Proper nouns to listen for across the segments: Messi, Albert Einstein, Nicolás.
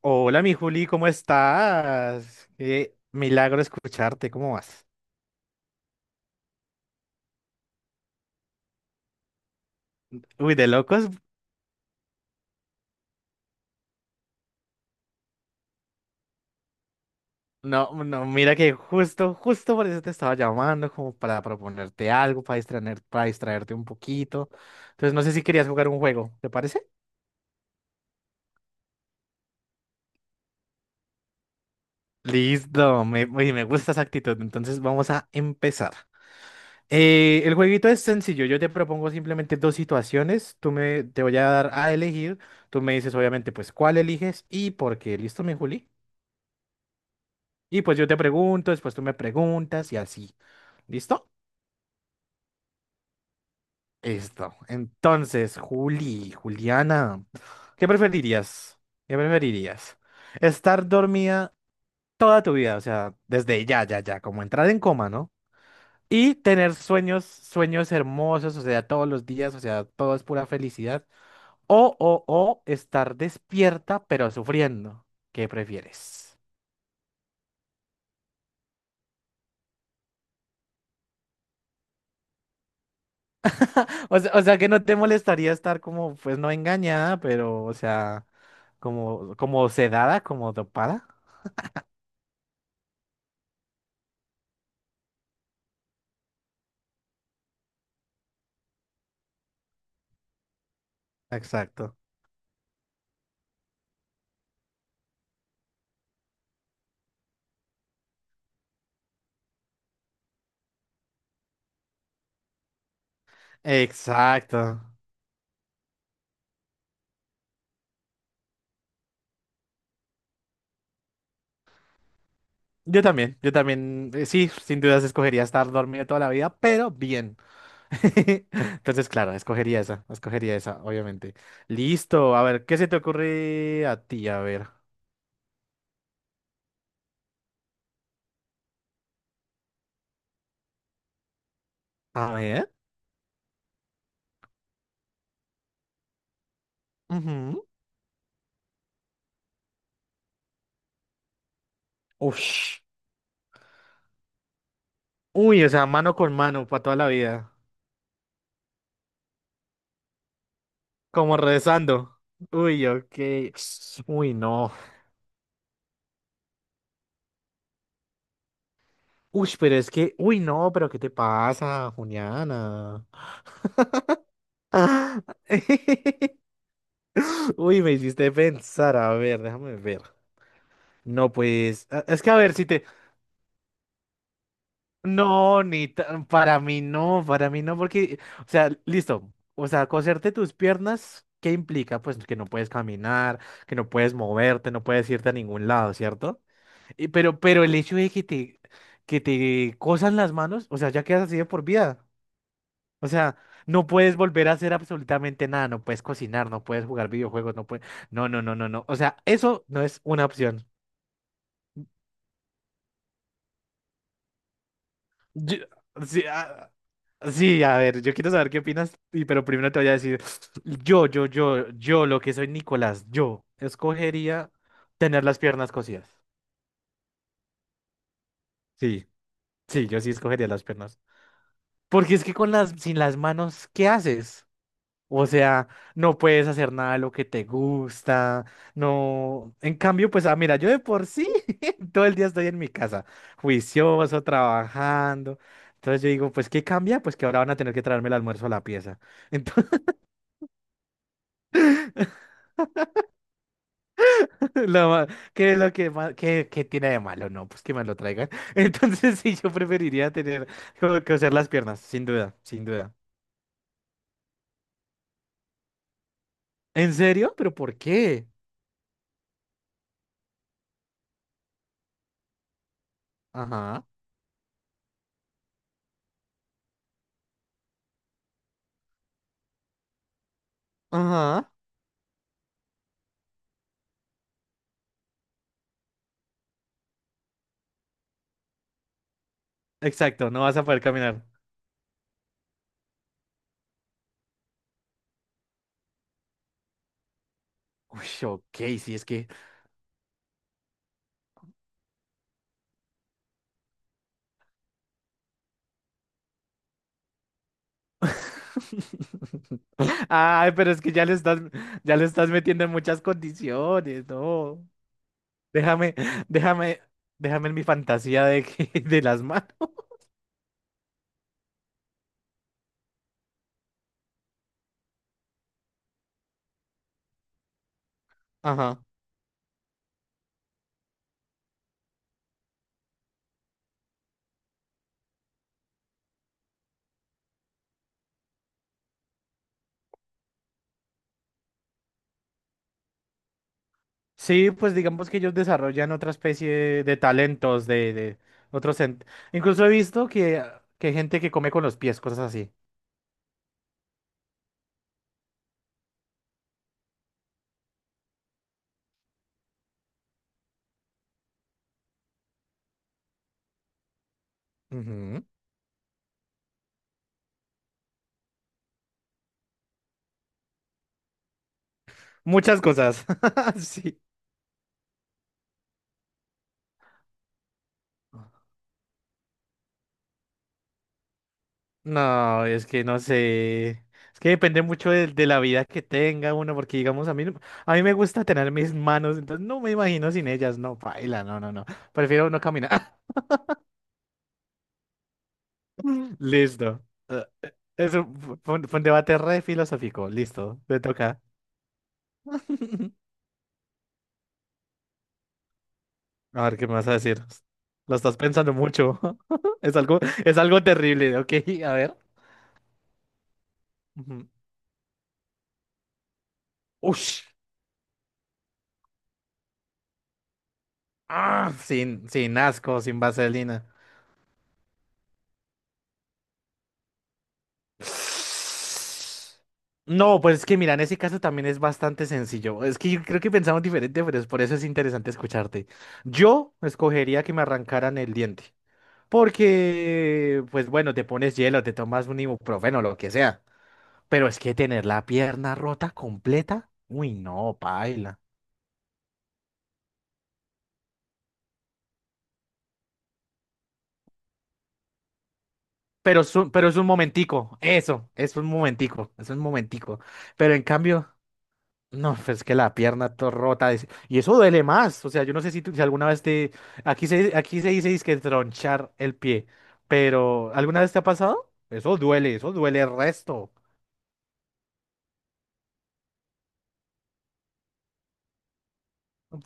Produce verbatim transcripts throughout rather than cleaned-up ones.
Hola, mi Juli, ¿cómo estás? Qué milagro escucharte, ¿cómo vas? Uy, de locos. No, no, mira que justo, justo por eso te estaba llamando, como para proponerte algo, para distraer, para distraerte un poquito. Entonces, no sé si querías jugar un juego, ¿te parece? Listo, me, uy, me gusta esa actitud. Entonces, vamos a empezar. Eh, el jueguito es sencillo. Yo te propongo simplemente dos situaciones. Tú me, te voy a dar a elegir. Tú me dices, obviamente, pues, cuál eliges y por qué. ¿Listo, mi Juli? Y pues yo te pregunto, después tú me preguntas y así. ¿Listo? Listo. Entonces, Juli, Juliana, ¿qué preferirías? ¿Qué preferirías? ¿Estar dormida toda tu vida? O sea, desde ya, ya, ya, como entrar en coma, ¿no? Y tener sueños, sueños hermosos, o sea, todos los días, o sea, todo es pura felicidad. O, o, o, estar despierta pero sufriendo. ¿Qué prefieres? O sea, o sea que no te molestaría estar como, pues no engañada, pero, o sea, como, como sedada, como dopada. Exacto. Exacto. Yo también, yo también, eh, sí, sin dudas escogería estar dormido toda la vida, pero bien. Entonces, claro, escogería esa, escogería esa, obviamente. Listo, a ver, ¿qué se te ocurre a ti? A ver. A ver. Ujú. Ush. Uy, o sea, mano con mano para toda la vida. Como rezando. Uy, ok. Uy, no. Uy, pero es que. Uy, no, pero ¿qué te pasa, Juliana? Ah. Uy, me hiciste pensar. A ver, déjame ver. No, pues. ah, Es que a ver si te. No, ni tan- para mí no, para mí no, porque. O sea, listo. O sea, coserte tus piernas, ¿qué implica? Pues que no puedes caminar, que no puedes moverte, no puedes irte a ningún lado, ¿cierto? Eh, Pero, pero el hecho de que te, que te cosan las manos, o sea, ya quedas así de por vida. O sea, no puedes volver a hacer absolutamente nada, no puedes cocinar, no puedes jugar videojuegos, no puedes... No, no, no, no, no. O sea, eso no es una opción. Yo- sí, ah, sí, a ver, yo quiero saber qué opinas, y- pero primero te voy a decir, yo, yo, yo, yo, lo que soy Nicolás, yo escogería tener las piernas cosidas. Sí, sí, yo sí escogería las piernas. Porque es que con las, sin las manos, ¿qué haces? O sea, no puedes hacer nada de lo que te gusta, no. En cambio, pues, ah, mira, yo de por sí todo el día estoy en mi casa, juicioso, trabajando. Entonces yo digo, pues, ¿qué cambia? Pues que ahora van a tener que traerme el almuerzo a la pieza. Entonces, lo ma- ¿qué es lo que ma- qué, qué tiene de malo? No, pues que me lo traigan. Entonces, sí, yo preferiría tener como que hacer las piernas, sin duda, sin duda. ¿En serio? ¿Pero por qué? Ajá, ajá. Exacto, no vas a poder caminar. Uy, ok, sí, es que Ay, pero es que ya le estás, ya le estás metiendo en muchas condiciones, no. Déjame, déjame, déjame en mi fantasía de que, de las manos. Ajá. Sí, pues digamos que ellos desarrollan otra especie de talentos, de, de otros. sen- Incluso he visto que, que hay gente que come con los pies, cosas así. Ujú. Muchas cosas. Sí. No, es que no sé. Es que depende mucho de, de la vida que tenga uno, porque digamos, a mí, no- a mí me gusta tener mis manos, entonces no me imagino sin ellas, no, paila, no, no, no. Prefiero no caminar. Listo. Eh, Eso fu- fue un, fue un debate re filosófico, listo, te toca. A ver, ¿qué me vas a decir? Lo estás pensando mucho. Es algo, es algo terrible, ok, a ver. Ujú. Ush. Ah, sin, sin asco, sin vaselina. No, pues es que mira, en ese caso también es bastante sencillo. Es que yo creo que pensamos diferente, pero es por eso es interesante escucharte. Yo escogería que me arrancaran el diente, porque, pues bueno, te pones hielo, te tomas un ibuprofeno, lo que sea. Pero es que tener la pierna rota completa, uy, no, paila. Pero es un, pero es un momentico, eso, es un momentico, es un momentico. Pero en cambio... No, pues es que la pierna to- rota. es- Y eso duele más. O sea, yo no sé si, tú- si alguna vez te. Aquí se, aquí se dice que tronchar el pie. Pero, ¿alguna vez te ha pasado? Eso duele, eso duele el resto.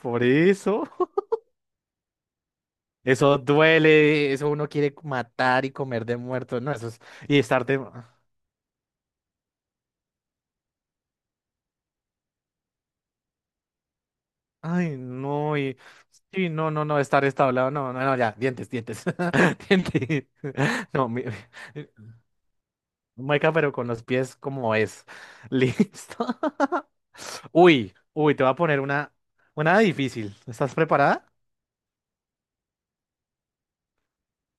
Por eso. Eso duele. Eso uno quiere matar y comer de muerto. No, eso es. Y estar de. Ay, no. Y... Sí, no, no, no. Estar establado. No, no, no, ya. Dientes, dientes. Dientes. No, mi... Mueca, pero con los pies como es. Listo. Uy, uy, te voy a poner una, una difícil. ¿Estás preparada?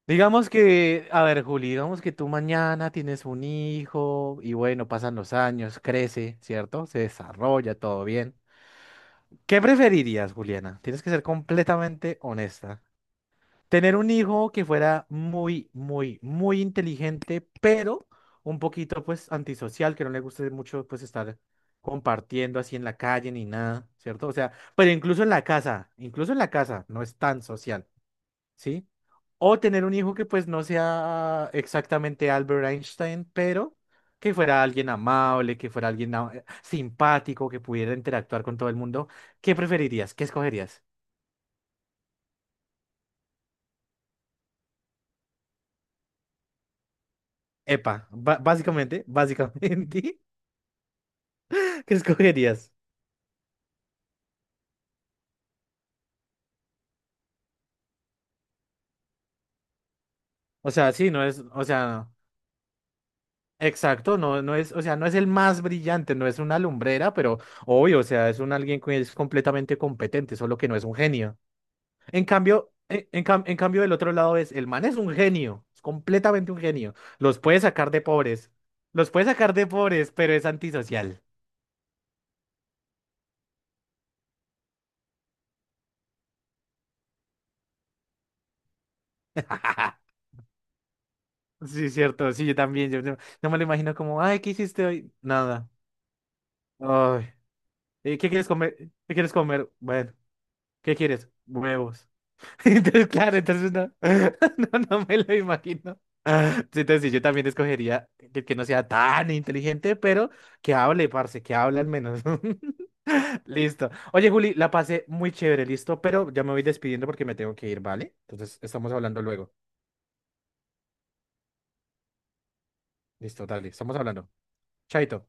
Digamos que, a ver, Juli, digamos que tú mañana tienes un hijo y bueno, pasan los años, crece, ¿cierto? Se desarrolla, todo bien. ¿Qué preferirías, Juliana? Tienes que ser completamente honesta. Tener un hijo que fuera muy, muy, muy inteligente, pero un poquito pues antisocial, que no le guste mucho pues estar compartiendo así en la calle ni nada, ¿cierto? O sea, pero incluso en la casa, incluso en la casa no es tan social, ¿sí? O tener un hijo que pues no sea exactamente Albert Einstein, pero que fuera alguien amable, que fuera alguien ah, eh, simpático, que pudiera interactuar con todo el mundo. ¿Qué preferirías? ¿Qué escogerías? Epa, ba- básicamente, básicamente. ¿Qué escogerías? O sea, sí, no es, o sea, exacto, no, no es, o sea, no es el más brillante, no es una lumbrera, pero obvio, o sea, es un alguien que es completamente competente, solo que no es un genio. En cambio, en, en cam- en cambio del otro lado es, el man es un genio, es completamente un genio. Los puede sacar de pobres, los puede sacar de pobres, pero es antisocial. Sí, cierto, sí, yo también, yo no, no me lo imagino como, ay, ¿qué hiciste hoy? Nada. Ay, "Eh, ¿qué quieres comer? ¿Qué quieres comer? Bueno, ¿qué quieres? Huevos. Entonces, claro, entonces no, no, no me lo imagino. Sí, Entonces, sí, yo también escogería que, que no sea tan inteligente, pero que hable, parce, que hable al menos. Listo. Oye, Juli, la pasé muy chévere, listo, pero ya me voy despidiendo porque me tengo que ir, ¿vale? Entonces, estamos hablando luego. Listo, dale, estamos hablando. Chaito.